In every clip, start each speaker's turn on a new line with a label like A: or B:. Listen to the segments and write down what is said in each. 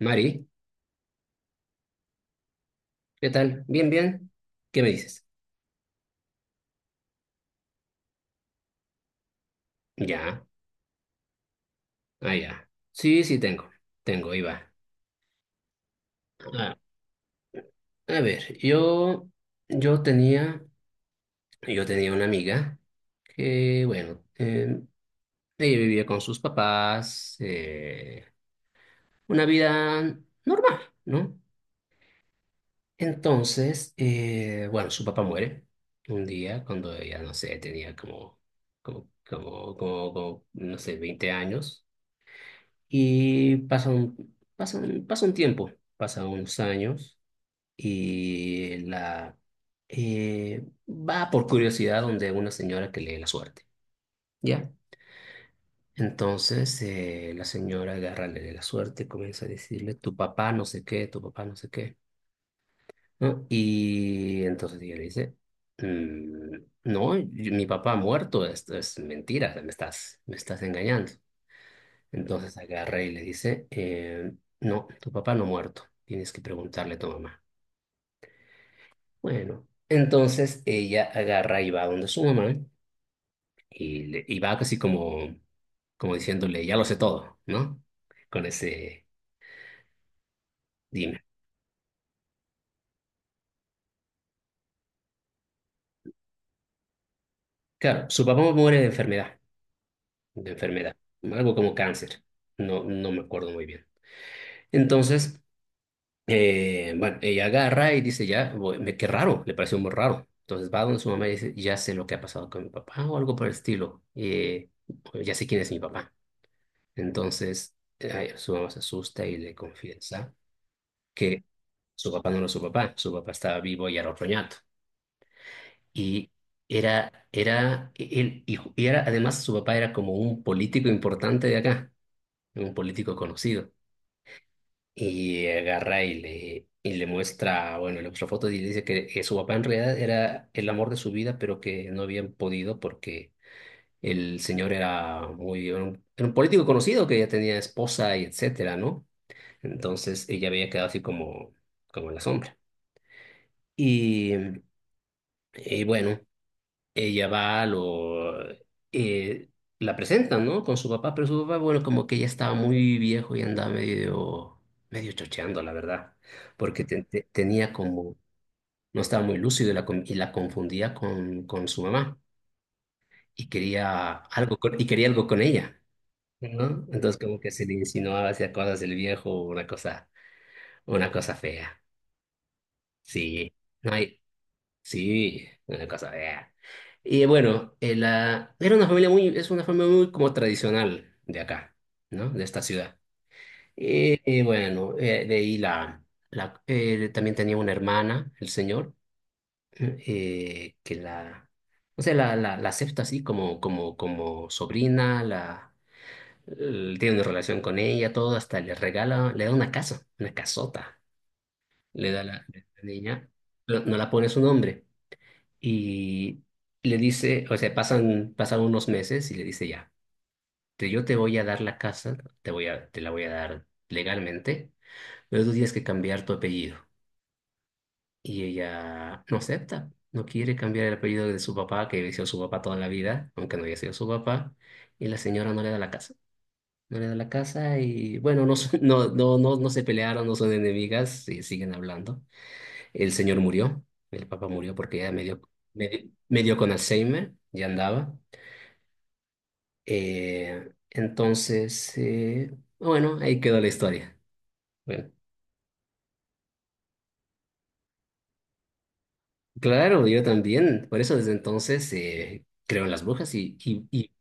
A: Mari, ¿qué tal? ¿Bien, bien? ¿Qué me dices? Ya, ya. Sí, sí, tengo, ahí va. Ah, a ver, yo tenía, yo tenía una amiga que, bueno, ella vivía con sus papás, una vida normal, ¿no? Entonces, bueno, su papá muere un día cuando ella, no sé, tenía como, no sé, 20 años. Y pasa un tiempo, pasa unos años y la va por curiosidad donde una señora que lee la suerte, ¿ya? Entonces la señora agarra, le lee la suerte, comienza a decirle, tu papá no sé qué, tu papá no sé qué, ¿no? Y entonces ella le dice, "Mm, no, mi papá ha muerto, esto es mentira, me estás engañando. Entonces agarra y le dice, no, tu papá no ha muerto, tienes que preguntarle a tu mamá. Bueno, entonces ella agarra y va donde su mamá y, va casi como, como diciéndole, ya lo sé todo, ¿no? Con ese, dime. Claro, su papá muere de enfermedad, de enfermedad, algo como cáncer, no, no me acuerdo muy bien. Entonces bueno, ella agarra y dice, ya, voy- me, qué raro, le pareció muy raro. Entonces va donde su mamá y dice, ya sé lo que ha pasado con mi papá o algo por el estilo. "Bueno, ya sé quién es mi papá. Entonces su mamá se asusta y le confiesa que su papá no era su papá estaba vivo y era otro ñato. Y era, era, él, y era, además su papá era como un político importante de acá, un político conocido. Y agarra y le muestra fotos y le dice que, su papá en realidad era el amor de su vida, pero que no habían podido porque el señor era un político conocido que ya tenía esposa y etcétera, ¿no? Entonces ella había quedado así como en la sombra. Y, bueno, ella va, eh, la presentan, ¿no? Con su papá, pero su papá, bueno, como que ya estaba muy viejo y andaba medio chocheando, la verdad, porque tenía como, no estaba muy lúcido y la confundía con su mamá y y quería algo con ella, ¿no? Entonces como que se le insinuaba hacia cosas del viejo, una cosa, fea, sí. No. Sí, una cosa vea. Y bueno, la, era una familia muy, es una familia muy como tradicional de acá, ¿no? De esta ciudad. Y, bueno, de ahí la, la también tenía una hermana, el señor, que o sea, la acepta así como, como, como sobrina, tiene una relación con ella, todo, hasta le da una casa, una casota, le da la niña, no no la pone su nombre. Y le dice, o sea, pasan, pasan unos meses y le dice ya, yo te voy a dar la casa, te la voy a dar legalmente, pero tú tienes que cambiar tu apellido. Y ella no acepta, no quiere cambiar el apellido de su papá, que había sido su papá toda la vida, aunque no haya sido su papá, y la señora no le da la casa. No le da la casa y bueno, no, no, no, no, no se pelearon, no son enemigas, y siguen hablando. El señor murió, el papá murió porque ya medio con Alzheimer, ya andaba. Entonces, bueno, ahí quedó la historia. Bueno, claro, yo también. Por eso desde entonces creo en las brujas y, y, y,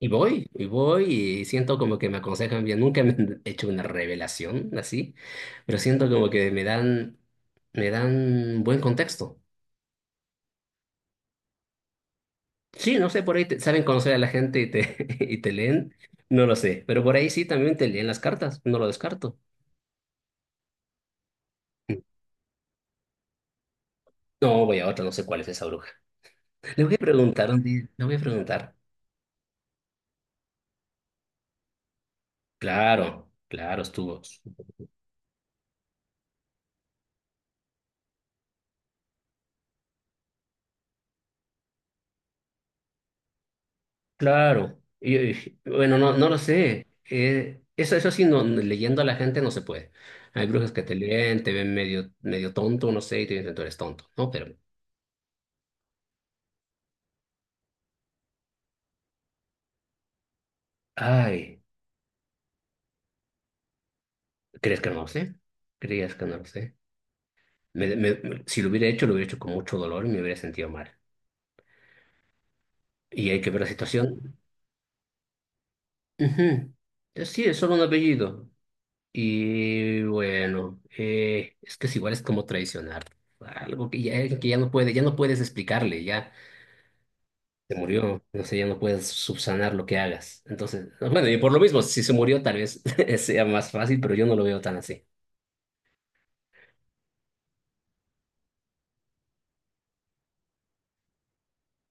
A: y voy, y voy, y siento como que me aconsejan bien. Nunca me han hecho una revelación así, pero siento como que me dan buen contexto. Sí, no sé, por ahí saben conocer a la gente y te leen, no lo sé, pero por ahí sí también te leen las cartas, no lo descarto. No, voy a otra, no sé cuál es esa bruja. Le voy a preguntar un día, le voy a preguntar. Claro, claro, estuvo. Claro. Y, bueno, no, no lo sé. Eso sí, no, no, leyendo a la gente no se puede. Hay brujas que te leen, te ven medio tonto, no sé, y te dicen tú eres tonto, ¿no? Pero, ay, ¿crees que no lo sé? ¿Creías que no lo sé? Si lo hubiera hecho, lo hubiera hecho con mucho dolor y me hubiera sentido mal. Y hay que ver la situación. Ujú. Sí, es solo un apellido. Y bueno, es que es igual es como traicionar algo que ya no puede, ya no puedes explicarle, ya se murió, no sé, ya no puedes subsanar lo que hagas. Entonces, bueno, y por lo mismo, si se murió, tal vez sea más fácil, pero yo no lo veo tan así.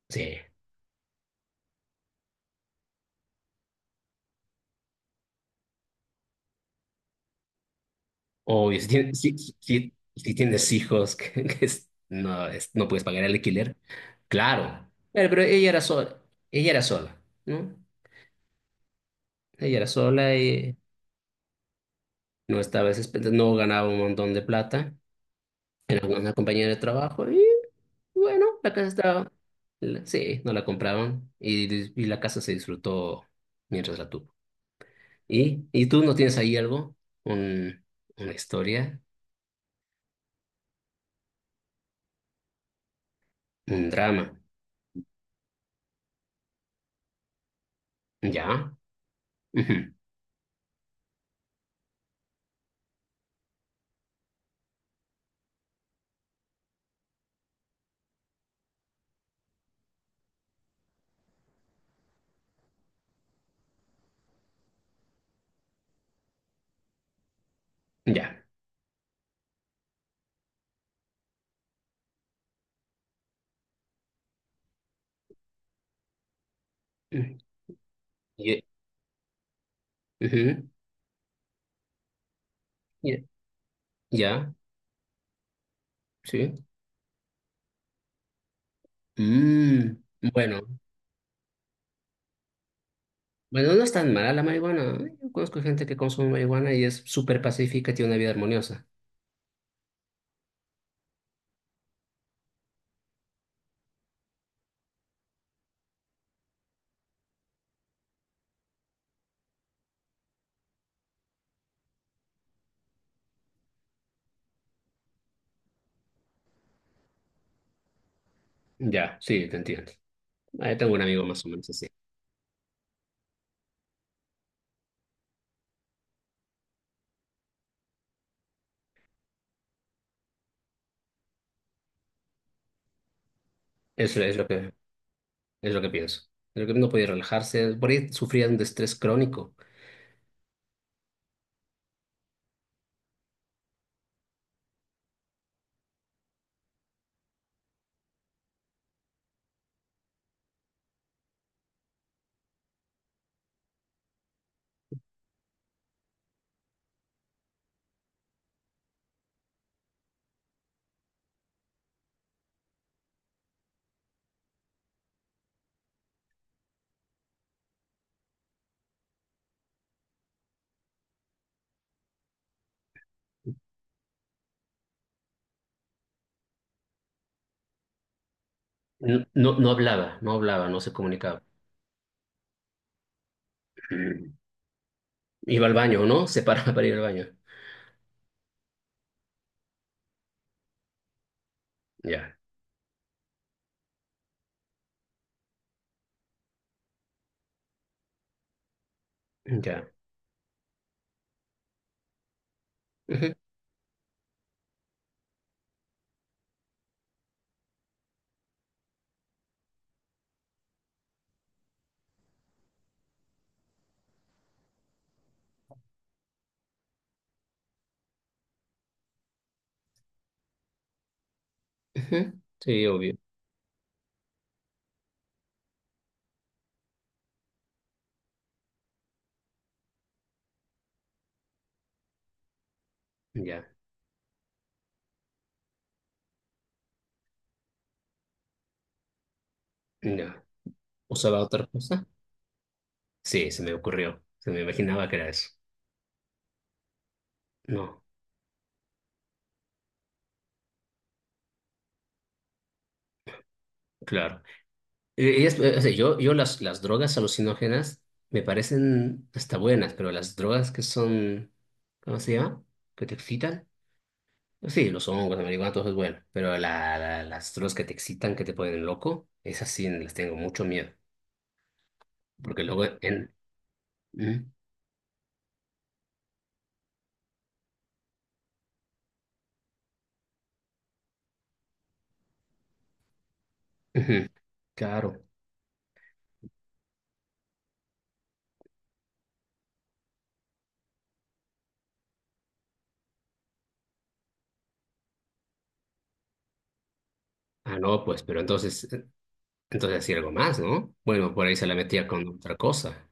A: Sí, obvio, si tienes, si, si, si si tienes hijos que no, no puedes pagar el alquiler, claro, pero, ella era sola, ¿no? Ella era sola y no ganaba un montón de plata. Era una compañera de trabajo y bueno, la casa estaba... Sí, no la compraban y, y la casa se disfrutó mientras la tuvo. ¿Y, tú no tienes ahí algo? Un, una historia, un drama. ¿Ya? Ujú, ya. Mm, ye- ujú, ye- ¿ya? Sí. Mm, bueno, bueno, no es tan mala la marihuana. Yo conozco gente que consume marihuana y es súper pacífica, tiene una vida armoniosa. Ya, sí, te entiendo. Ahí tengo un amigo más o menos. Eso es lo que pienso. Creo que no podía relajarse. Por ahí sufría de un estrés crónico. No, no, no hablaba, no hablaba, no se comunicaba. Iba al baño, ¿no? Se paraba para ir al baño. Ya, ya. Ujú, ujú. Sí, obvio. Ya, ya. ¿Usaba otra cosa? Sí, se me ocurrió. Se me imaginaba que era eso. No, claro. O sea, yo las drogas alucinógenas me parecen hasta buenas, pero las drogas que son, ¿cómo se llama? Que te excitan. Sí, los hongos, la marihuana, todo eso es bueno, pero las drogas que te excitan, que te ponen loco, esas sí les tengo mucho miedo, porque luego en... ¿Mm? Ujú. Claro. Ah, no, pues, pero entonces hacía algo más, ¿no? Bueno, por ahí se la metía con otra cosa.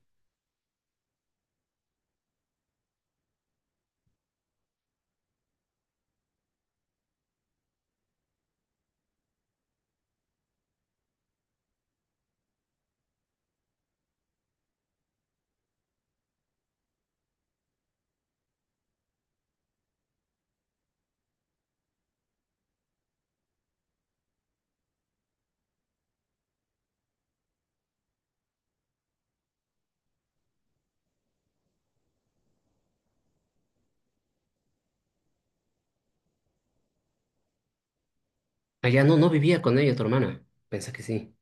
A: Allá no, no vivía con ella, tu hermana. Pensé que sí.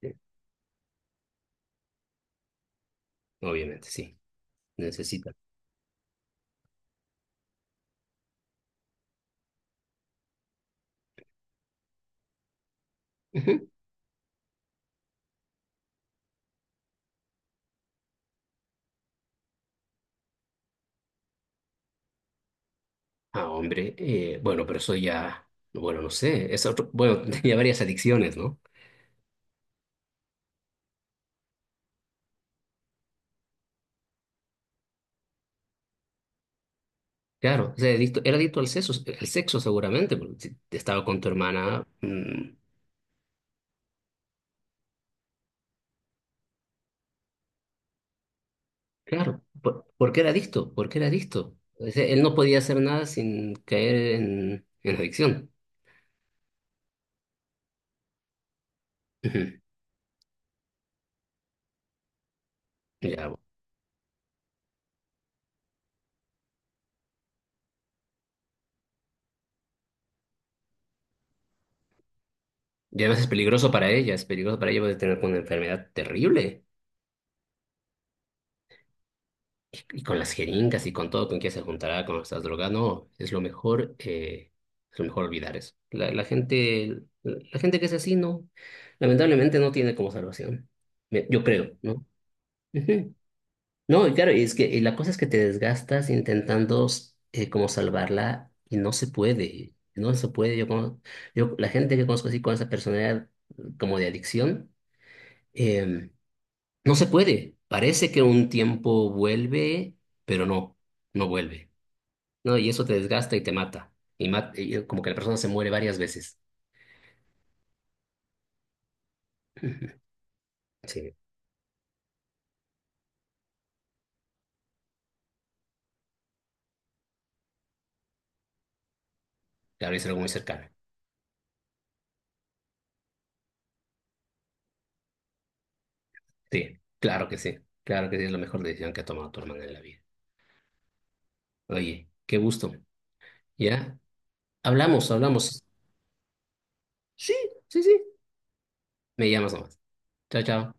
A: Sí. Obviamente, sí, necesita. Ujú. Ah, hombre, bueno, pero eso ya, bueno, no sé, es otro, bueno, tenía varias adicciones, ¿no? Claro, o sea, era adicto al sexo, seguramente, porque si estaba con tu hermana. Claro, por qué era adicto? ¿Por qué era adicto? O sea, él no podía hacer nada sin caer en adicción. Ujú, ya, bueno. Y además es peligroso para ella, es peligroso para ella, puede tener una enfermedad terrible. Y, con las jeringas y con todo con que se juntará con estas drogas, no, es lo mejor olvidar eso. La gente que es así, no, lamentablemente no tiene como salvación. Yo creo, ¿no? Ujú. No, y claro, y es que y la cosa es que te desgastas intentando como salvarla y no se puede, no se puede. Yo, como, yo la gente que conozco así con esa personalidad como de adicción, em, no se puede. Parece que un tiempo vuelve, pero no, no vuelve. No, y eso te desgasta y te mata. Y, y como que la persona se muere varias veces. Ujú. Sí, claro, es algo muy cercano. Sí, claro que sí. Claro que sí, es la mejor decisión que ha tomado tu hermana en la vida. Oye, qué gusto. ¿Ya? Hablamos, hablamos. Sí, sí, sí. Me llamas nomás. Chao, chao.